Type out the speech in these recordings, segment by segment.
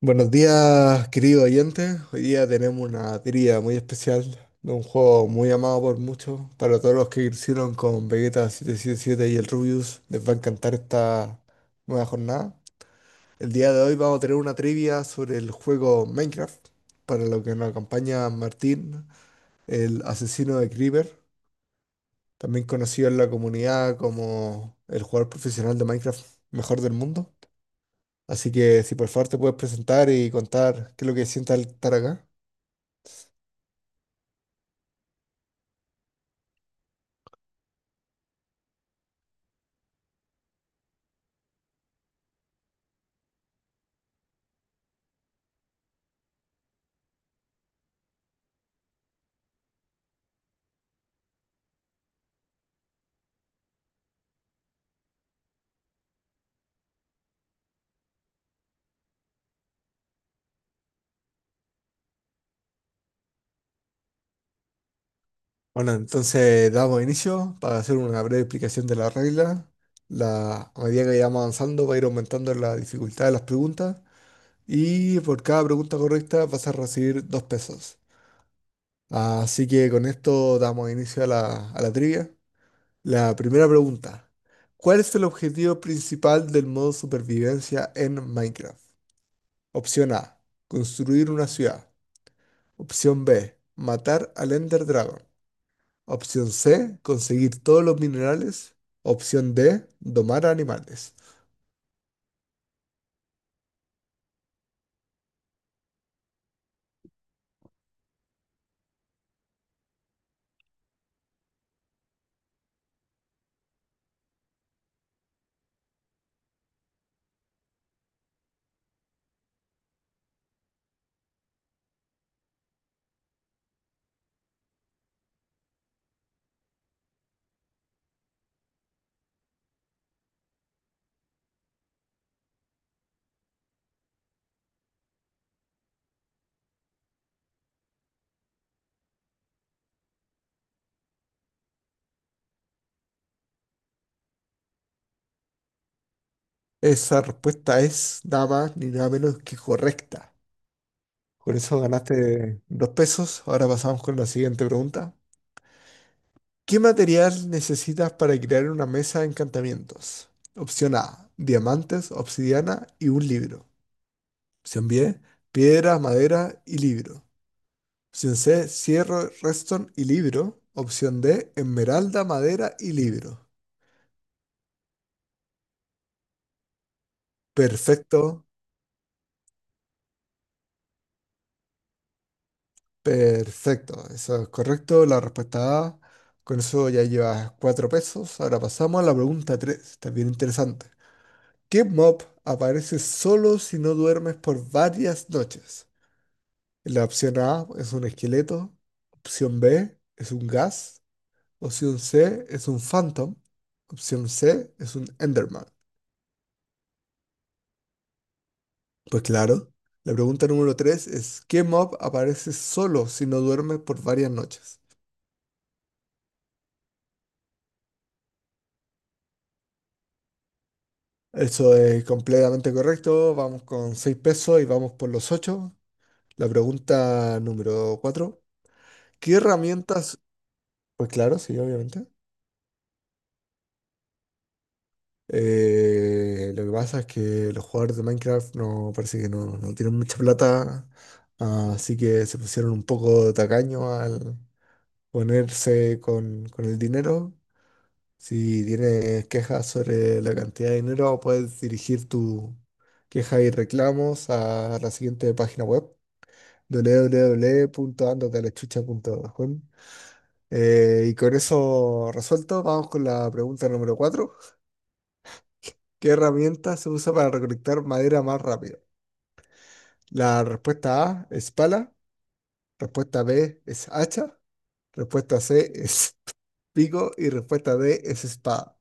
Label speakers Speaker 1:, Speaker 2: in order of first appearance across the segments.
Speaker 1: Buenos días, querido oyente. Hoy día tenemos una trivia muy especial de un juego muy amado por muchos. Para todos los que hicieron con Vegeta 777 y el Rubius, les va a encantar esta nueva jornada. El día de hoy vamos a tener una trivia sobre el juego Minecraft, para lo que nos acompaña Martín, el asesino de Creeper, también conocido en la comunidad como el jugador profesional de Minecraft mejor del mundo. Así que si por favor te puedes presentar y contar qué es lo que sientes al estar acá. Bueno, entonces damos inicio para hacer una breve explicación de la regla. A medida que vayamos avanzando va a ir aumentando la dificultad de las preguntas y por cada pregunta correcta vas a recibir 2 pesos. Así que con esto damos inicio a la trivia. La primera pregunta. ¿Cuál es el objetivo principal del modo supervivencia en Minecraft? Opción A. Construir una ciudad. Opción B. Matar al Ender Dragon. Opción C, conseguir todos los minerales. Opción D, domar animales. Esa respuesta es nada más ni nada menos que correcta. Por eso ganaste 2 pesos. Ahora pasamos con la siguiente pregunta. ¿Qué material necesitas para crear una mesa de encantamientos? Opción A, diamantes, obsidiana y un libro. Opción B, piedra, madera y libro. Opción C, cierro, redstone y libro. Opción D, esmeralda, madera y libro. Perfecto, Perfecto, eso es correcto. La respuesta A. Con eso ya llevas 4 pesos. Ahora pasamos a la pregunta 3, también interesante. ¿Qué mob aparece solo si no duermes por varias noches? La opción A es un esqueleto. Opción B es un gas. Opción C es un phantom. Opción C es un enderman. Pues claro, la pregunta número 3 es ¿qué mob aparece solo si no duermes por varias noches? Eso es completamente correcto. Vamos con 6 pesos y vamos por los 8. La pregunta número 4. ¿Qué herramientas? Pues claro, sí, obviamente. Lo que pasa es que los jugadores de Minecraft no parece que no, tienen mucha plata, así que se pusieron un poco tacaño al ponerse con el dinero. Si tienes quejas sobre la cantidad de dinero, puedes dirigir tu queja y reclamos a la siguiente página web www.andotalechucha.com. Y con eso resuelto, vamos con la pregunta número cuatro. ¿Qué herramienta se usa para recolectar madera más rápido? La respuesta A es pala, respuesta B es hacha, respuesta C es pico y respuesta D es espada.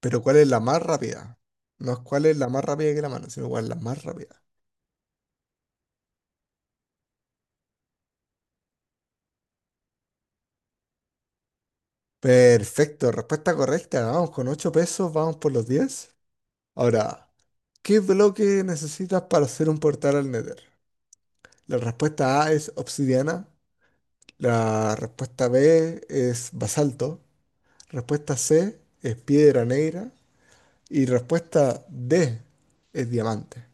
Speaker 1: Pero ¿cuál es la más rápida? No es cuál es la más rápida que la mano, sino cuál es la más rápida. Perfecto, respuesta correcta. Vamos con 8 pesos, vamos por los 10. Ahora. ¿Qué bloque necesitas para hacer un portal al Nether? La respuesta A es obsidiana, la respuesta B es basalto, respuesta C es piedra negra y respuesta D es diamante.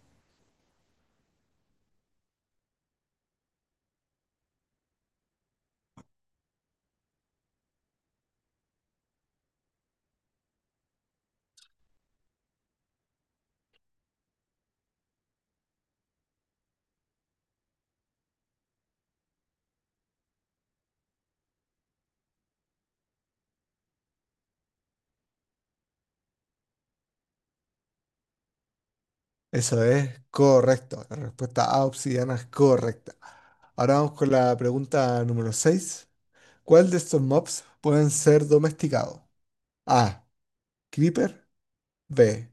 Speaker 1: Eso es correcto. La respuesta A obsidiana es correcta. Ahora vamos con la pregunta número 6. ¿Cuál de estos mobs pueden ser domesticados? A. Creeper. B.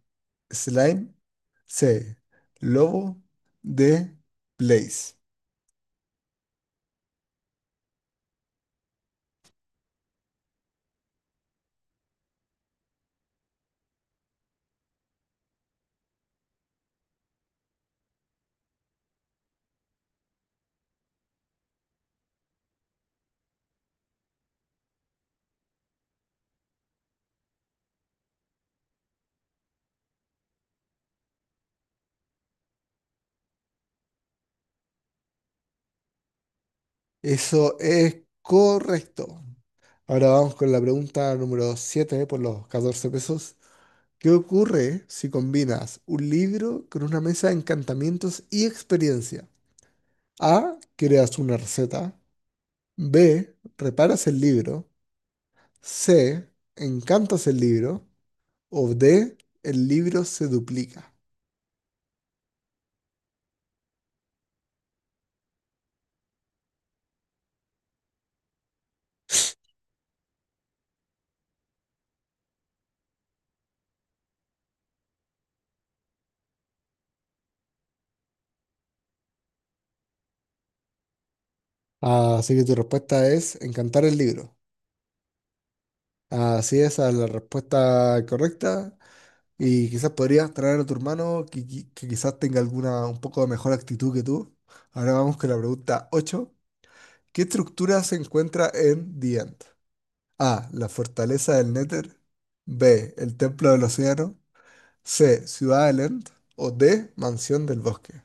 Speaker 1: Slime. C. Lobo de Blaze. Eso es correcto. Ahora vamos con la pregunta número 7 por los 14 pesos. ¿Qué ocurre si combinas un libro con una mesa de encantamientos y experiencia? A. Creas una receta. B. Reparas el libro. C. Encantas el libro. O D. El libro se duplica. Así que tu respuesta es encantar el libro. Así es, a la respuesta correcta. Y quizás podrías traer a tu hermano que quizás tenga alguna un poco de mejor actitud que tú. Ahora vamos con la pregunta 8. ¿Qué estructura se encuentra en The End? A. La fortaleza del Nether. B. El templo del océano. C. Ciudad del End. O D. Mansión del bosque.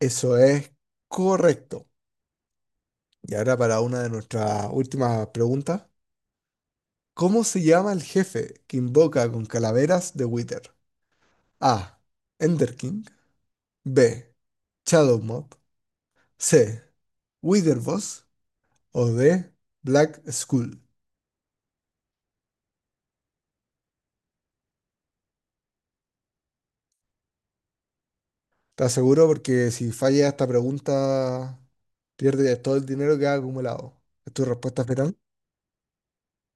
Speaker 1: Eso es correcto. Y ahora para una de nuestras últimas preguntas. ¿Cómo se llama el jefe que invoca con calaveras de Wither? A. Ender King. B. Shadow Mob. C. Wither Boss. O D. Black Skull. Te aseguro porque si falla esta pregunta, pierde todo el dinero que ha acumulado. ¿Es tu respuesta final?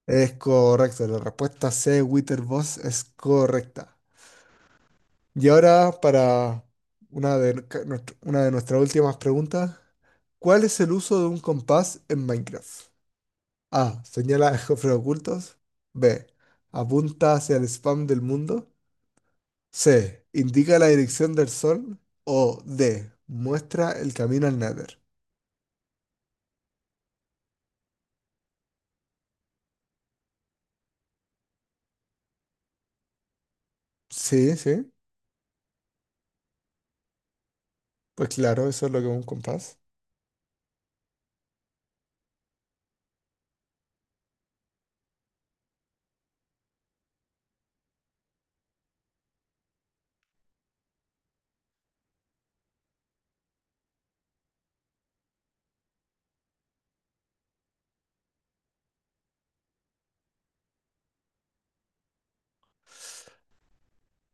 Speaker 1: Es correcto. La respuesta C. Wither Boss es correcta. Y ahora para una de nuestras últimas preguntas. ¿Cuál es el uso de un compás en Minecraft? A. Señala a cofres ocultos. B. Apunta hacia el spam del mundo. C. Indica la dirección del sol. O D. Muestra el camino al Nether. Sí, sí. Pues claro, eso es lo que es un compás.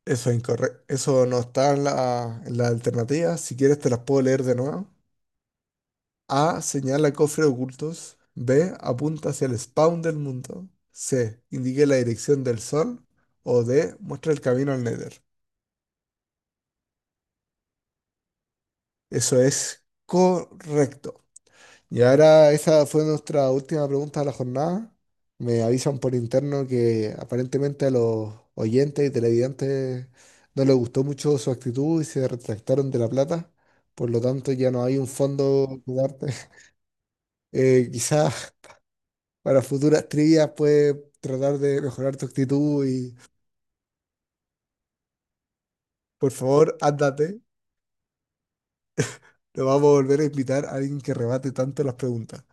Speaker 1: Eso es incorrecto. Eso no está en la alternativa. Si quieres te las puedo leer de nuevo. A. Señala cofres ocultos. B. Apunta hacia el spawn del mundo. C. Indique la dirección del sol. O D. Muestra el camino al Nether. Eso es correcto. Y ahora esa fue nuestra última pregunta de la jornada. Me avisan por interno que aparentemente a los oyentes y televidentes no les gustó mucho su actitud y se retractaron de la plata. Por lo tanto, ya no hay un fondo que darte. Quizás para futuras trivias puedes tratar de mejorar tu actitud y por favor, ándate. Lo vamos a volver a invitar a alguien que rebate tanto las preguntas.